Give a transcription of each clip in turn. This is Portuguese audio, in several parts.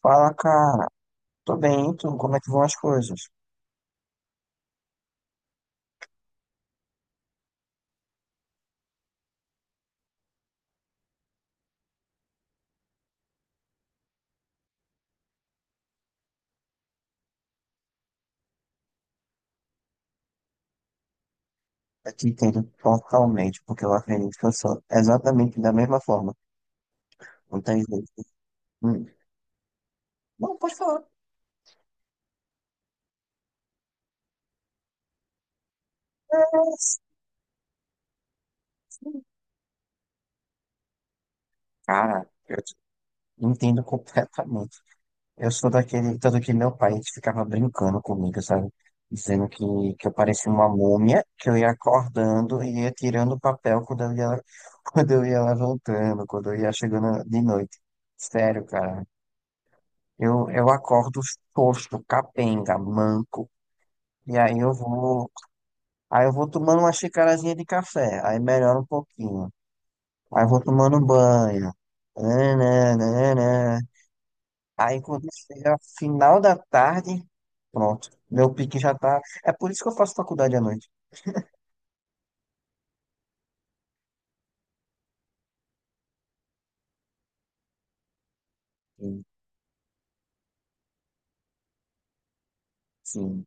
Fala, cara. Tô bem, e tu? Como é que vão as coisas? Eu te entendo totalmente, porque eu acredito que eu sou exatamente da mesma forma. Não tem jeito. Hum. Não, pode falar. É, sim. Cara, eu te entendo completamente. Eu sou daquele, tanto que meu pai ficava brincando comigo, sabe? Dizendo que eu parecia uma múmia, que eu ia acordando e ia tirando o papel quando eu ia, quando eu ia levantando, quando eu ia chegando de noite. Sério, cara. Eu acordo tosco, capenga, manco. E aí eu vou, Aí eu vou tomando uma xicarazinha de café, aí melhora um pouquinho. Aí eu vou tomando um banho. Nananana. Aí quando chega final da tarde, pronto. Meu pique já tá. É por isso que eu faço faculdade à noite. Sim, sim.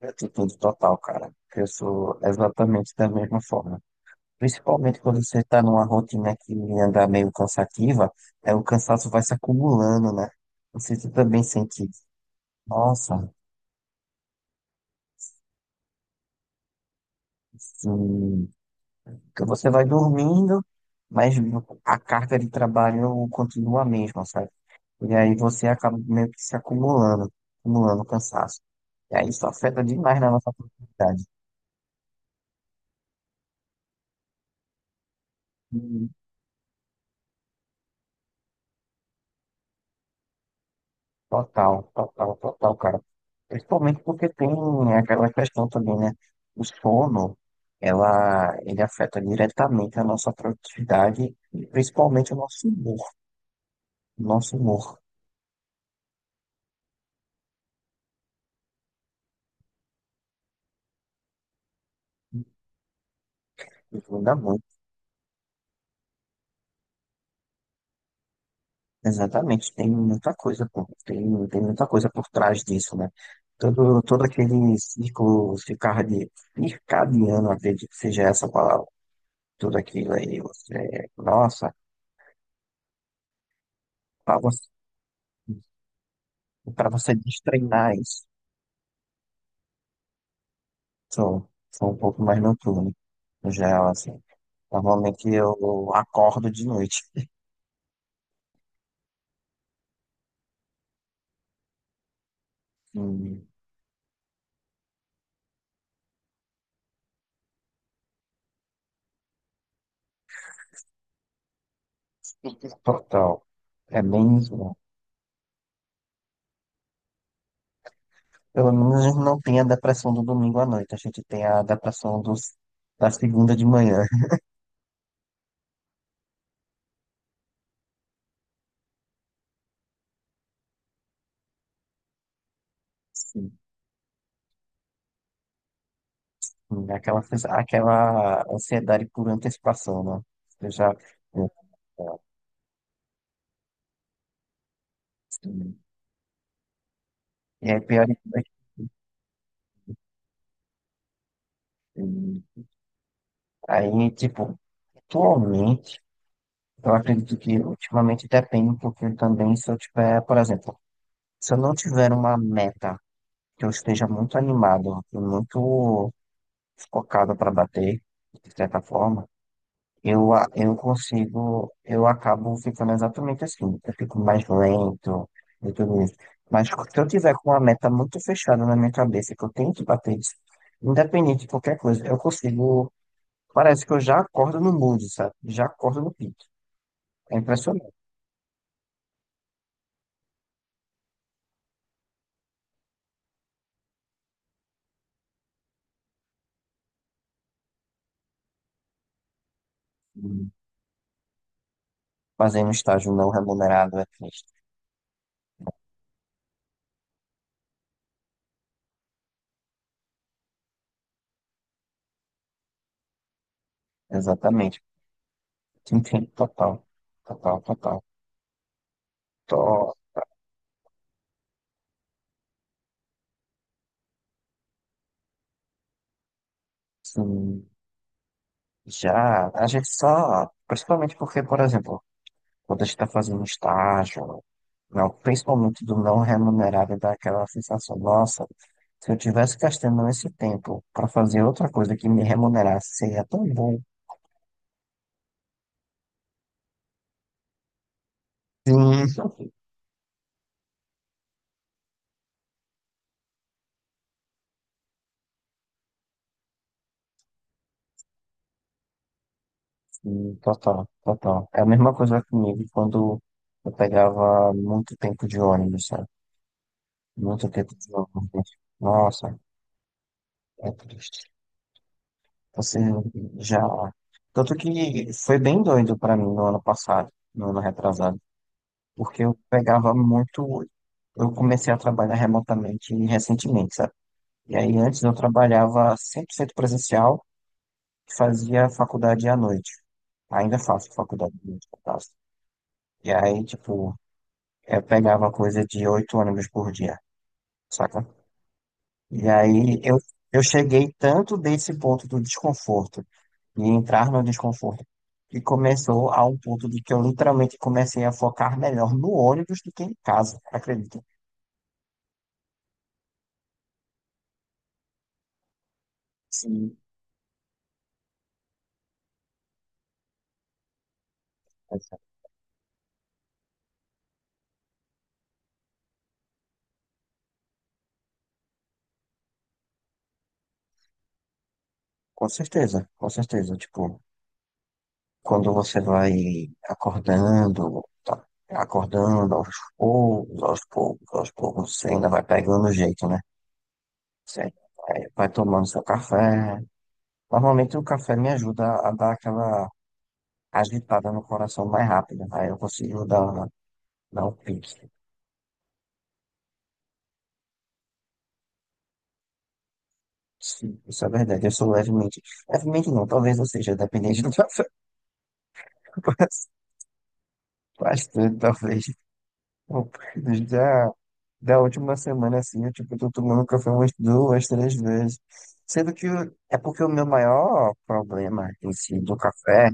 Atitude total, cara. Eu sou exatamente da mesma forma. Principalmente quando você está numa rotina que anda meio cansativa, é, o cansaço vai se acumulando, né? Você também sente isso. Nossa, assim, que você vai dormindo, mas a carga de trabalho continua a mesma, sabe? E aí você acaba meio que se acumulando cansaço. E aí isso afeta demais na nossa produtividade. Total, total, total, cara. Principalmente porque tem aquela questão também, né? O sono, ele afeta diretamente a nossa produtividade e principalmente o nosso humor. O nosso humor. Muda muito. Exatamente. Tem muita coisa, pô. Tem muita coisa por trás disso, né? Todo aquele ciclo circadiano, acredito que seja essa a palavra. Tudo aquilo aí, você, nossa, para você, para você destreinar isso. Sou um pouco mais noturno, no geral, assim. Normalmente eu acordo de noite. E, total. É bem isso, né? Pelo menos não tem a depressão do domingo à noite. A gente tem a depressão da segunda de manhã. Sim. Hum. Aquela, aquela ansiedade por antecipação, né? Eu já. eu- Sim. E aí, é que- Hum, aí, tipo, atualmente, eu acredito que ultimamente depende um pouquinho também se eu tiver, por exemplo, se eu não tiver uma meta que eu esteja muito animado e muito focado para bater, de certa forma, eu consigo, eu acabo ficando exatamente assim. Eu fico mais lento e tudo isso. Mas se eu tiver com uma meta muito fechada na minha cabeça, que eu tenho que bater isso, independente de qualquer coisa, eu consigo. Parece que eu já acordo no mood, sabe? Já acordo no pique. É impressionante. Fazer um estágio não remunerado é triste. Exatamente. Entendo total, total, total. Tô, assim, já, a gente só, principalmente porque, por exemplo, quando a gente está fazendo estágio, não, principalmente do não remunerado, dá aquela sensação, nossa, se eu tivesse gastando esse tempo para fazer outra coisa que me remunerasse, seria tão bom. Sim, sim, total, total. É a mesma coisa comigo quando eu pegava muito tempo de ônibus, sabe? Muito tempo de ônibus. Nossa, é triste. Você já. Tanto que foi bem doido pra mim no ano passado, no ano retrasado, porque eu pegava muito. Eu comecei a trabalhar remotamente recentemente, sabe? E aí antes eu trabalhava 100% presencial e fazia faculdade à noite. Ainda faço faculdade à noite, no caso. E aí, tipo, eu pegava coisa de oito ônibus por dia, saca? E aí eu cheguei tanto desse ponto do desconforto e entrar no desconforto. E começou a um ponto de que eu literalmente comecei a focar melhor no ônibus do que em casa, acredita? Sim. Com certeza, com certeza. Tipo, quando você vai acordando, tá acordando aos poucos, aos poucos, aos poucos, você ainda vai pegando o jeito, né? Você vai tomando seu café. Normalmente o café me ajuda a dar aquela agitada no coração mais rápida, aí eu consigo dar um pique. Sim, isso é verdade. Eu sou levemente. Levemente não, talvez eu seja, dependente do café que eu faço. Bastante, talvez. Bom, já da última semana, assim, eu tipo, tô tomando café umas duas, três vezes. Sendo que é porque o meu maior problema em si do café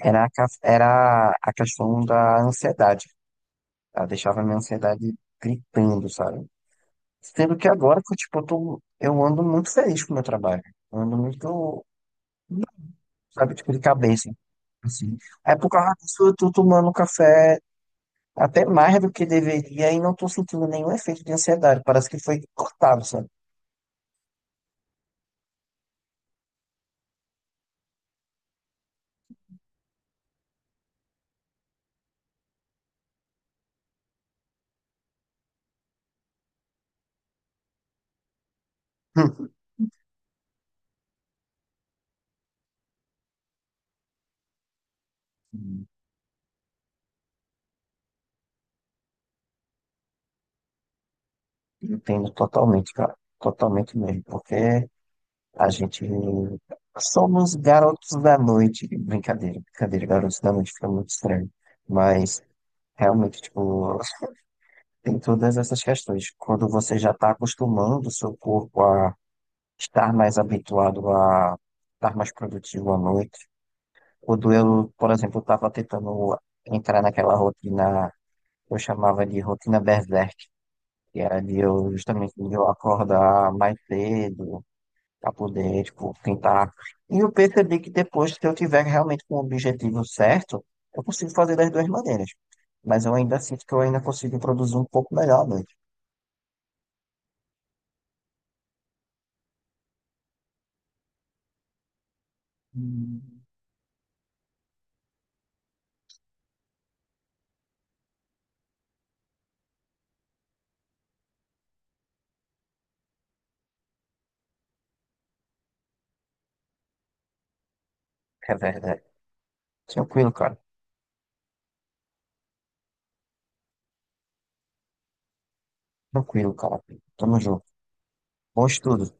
era a questão da ansiedade. Ela deixava a minha ansiedade gritando, sabe? Sendo que agora que tipo, eu tô, eu ando muito feliz com o meu trabalho. Eu ando muito. Sabe? Tipo, de cabeça, assim. Aí por causa disso eu tô tomando café até mais do que deveria e não tô sentindo nenhum efeito de ansiedade. Parece que foi cortado, sabe? Hum. Entendo totalmente, cara. Totalmente mesmo. Porque a gente somos garotos da noite. Brincadeira, brincadeira, garotos da noite fica muito estranho. Mas realmente, tipo, tem todas essas questões. Quando você já tá acostumando o seu corpo a estar mais habituado a estar mais produtivo à noite. O duelo, por exemplo, estava tentando entrar naquela rotina que eu chamava de rotina berserk, que era de eu justamente de eu acordar mais cedo para poder, tipo, tentar. E eu percebi que depois, se eu tiver realmente com o objetivo certo, eu consigo fazer das duas maneiras. Mas eu ainda sinto que eu ainda consigo produzir um pouco melhor à noite. Hum. É verdade. Tranquilo, cara. Tranquilo, cara. Tamo junto. Bom estudo.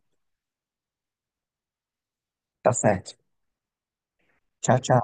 Tá certo. Tchau, tchau.